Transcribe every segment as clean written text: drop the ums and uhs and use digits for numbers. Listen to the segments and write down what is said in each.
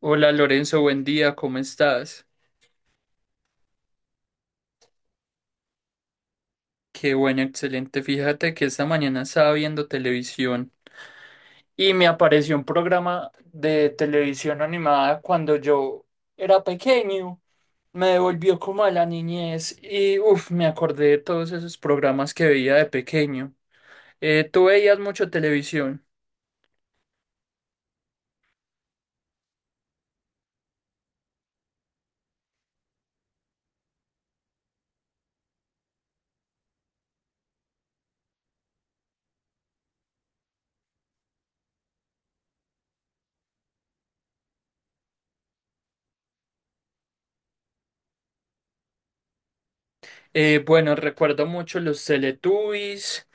Hola Lorenzo, buen día, ¿cómo estás? Qué bueno, excelente. Fíjate que esta mañana estaba viendo televisión y me apareció un programa de televisión animada cuando yo era pequeño. Me devolvió como a la niñez y uff, me acordé de todos esos programas que veía de pequeño. ¿Tú veías mucho televisión? Bueno, recuerdo mucho los Teletubbies.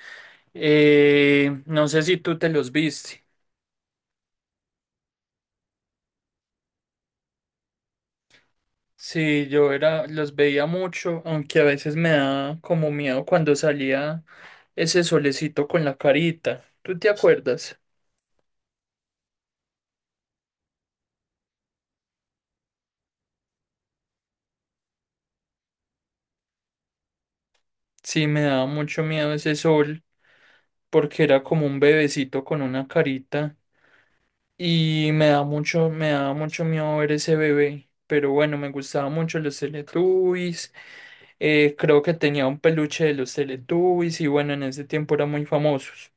No sé si tú te los viste. Sí, yo era, los veía mucho, aunque a veces me da como miedo cuando salía ese solecito con la carita. ¿Tú te acuerdas? Sí, me daba mucho miedo ese sol porque era como un bebecito con una carita y me da mucho, me daba mucho miedo ver ese bebé. Pero bueno, me gustaba mucho los Teletubbies. Creo que tenía un peluche de los Teletubbies y bueno, en ese tiempo eran muy famosos.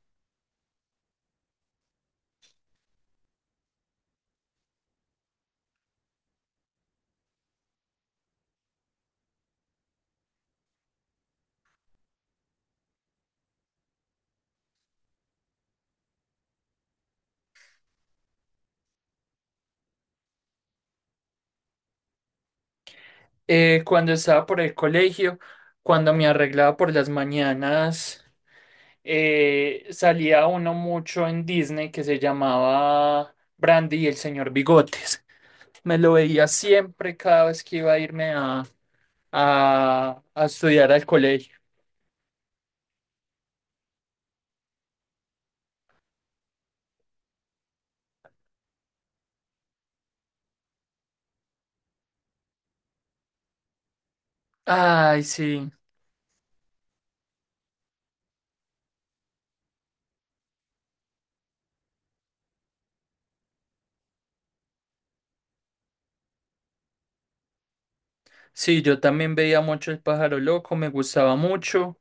Cuando estaba por el colegio, cuando me arreglaba por las mañanas, salía uno mucho en Disney que se llamaba Brandy y el señor Bigotes. Me lo veía siempre cada vez que iba a irme a estudiar al colegio. Ay, sí. Sí, yo también veía mucho El pájaro loco, me gustaba mucho.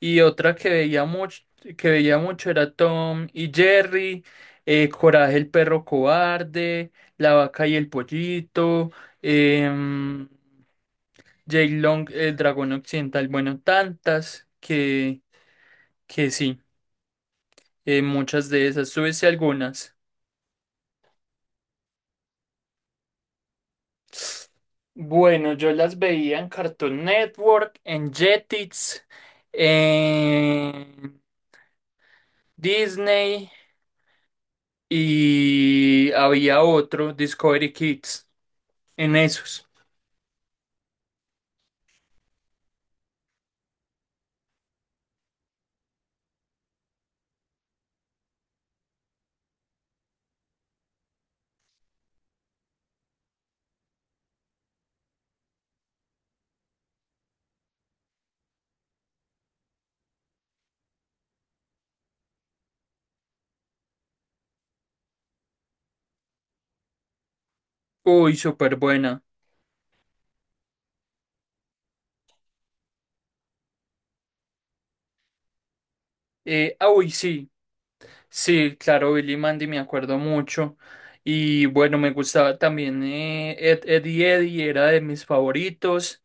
Y otra que veía mucho, era Tom y Jerry, Coraje el perro cobarde, La vaca y el pollito, eh, Jake Long, el dragón occidental, bueno, tantas que sí, muchas de esas, súbese algunas. Bueno, yo las veía en Cartoon Network, en Jetix, Disney y había otro, Discovery Kids, en esos. Uy, súper buena. Uy, sí, sí, claro, Billy y Mandy me acuerdo mucho. Y bueno, me gustaba también Ed, Edd y Eddie, era de mis favoritos.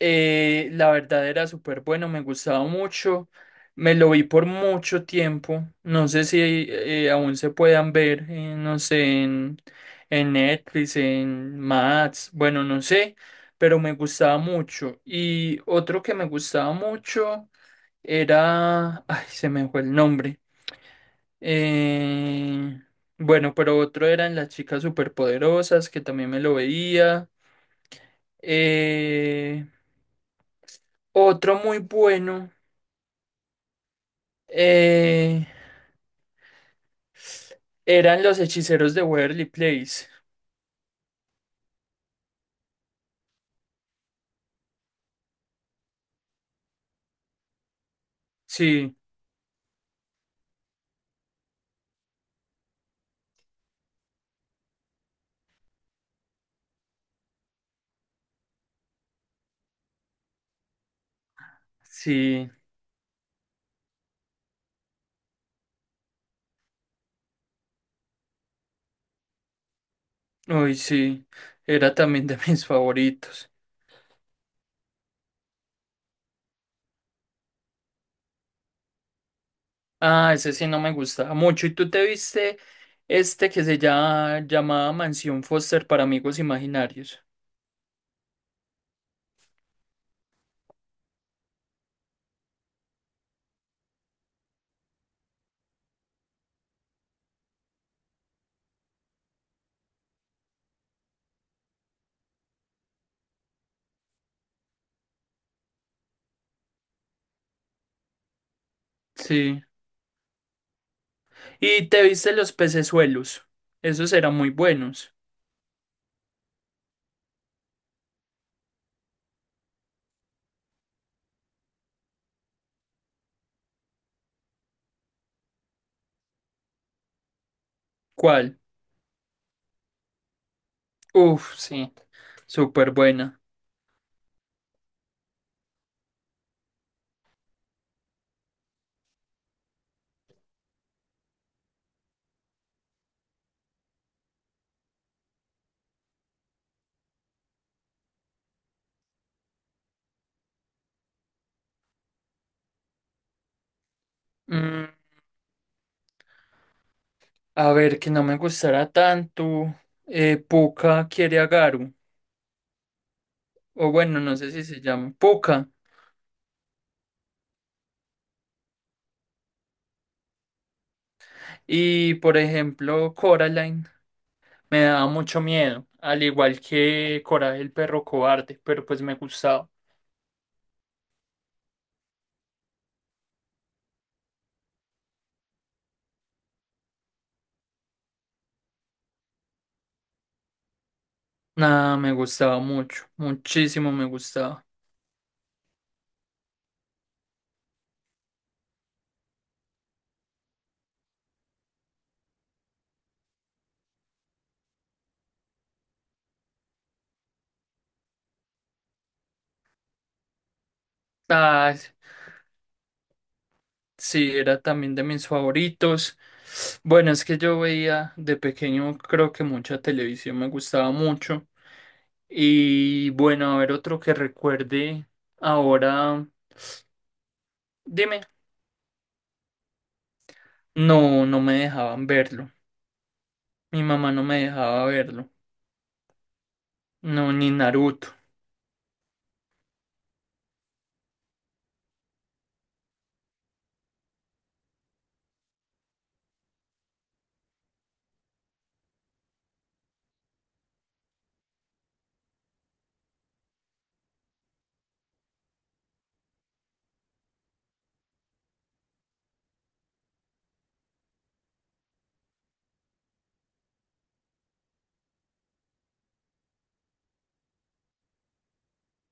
La verdad era súper bueno, me gustaba mucho. Me lo vi por mucho tiempo. No sé si aún se puedan ver, no sé, en Netflix, en Max, bueno, no sé, pero me gustaba mucho. Y otro que me gustaba mucho era... Ay, se me fue el nombre. Eh, bueno, pero otro eran las chicas superpoderosas, que también me lo veía. Eh, Otro muy bueno eh, eran los hechiceros de Waverly Place. Sí, sí, uy, sí, era también de mis favoritos. Ah, ese sí no me gustaba mucho. ¿Y tú te viste este que se llama, llamaba Mansión Foster para amigos imaginarios? Sí. Y te viste los pecesuelos. Esos eran muy buenos. ¿Cuál? Uf, sí, súper buena. Mm, a ver, que no me gustará tanto. Puka quiere a Garu. O bueno, no sé si se llama Puka. Y por ejemplo, Coraline me daba mucho miedo. Al igual que Coraje el perro cobarde. Pero pues me gustaba. Nada, me gustaba mucho. Muchísimo me gustaba. Ah, sí, era también de mis favoritos. Bueno, es que yo veía de pequeño, creo que mucha televisión me gustaba mucho. Y bueno, a ver otro que recuerde ahora, dime, no, no me dejaban verlo. Mi mamá no me dejaba verlo. No, ni Naruto.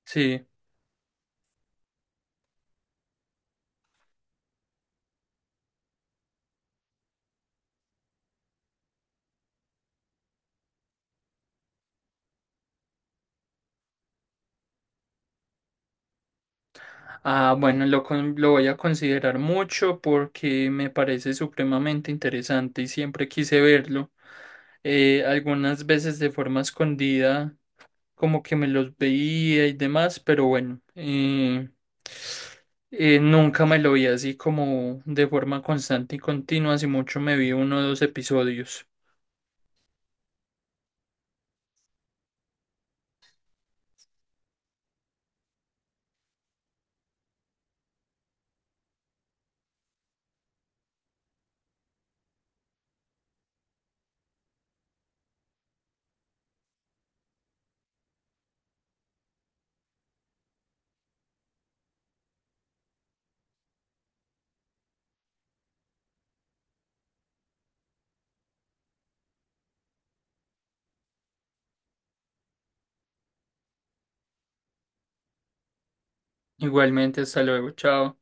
Sí. Ah, bueno, lo, lo voy a considerar mucho porque me parece supremamente interesante y siempre quise verlo. Algunas veces de forma escondida como que me los veía y demás, pero bueno, nunca me lo vi así como de forma constante y continua, así mucho me vi uno o dos episodios. Igualmente, hasta luego, chao.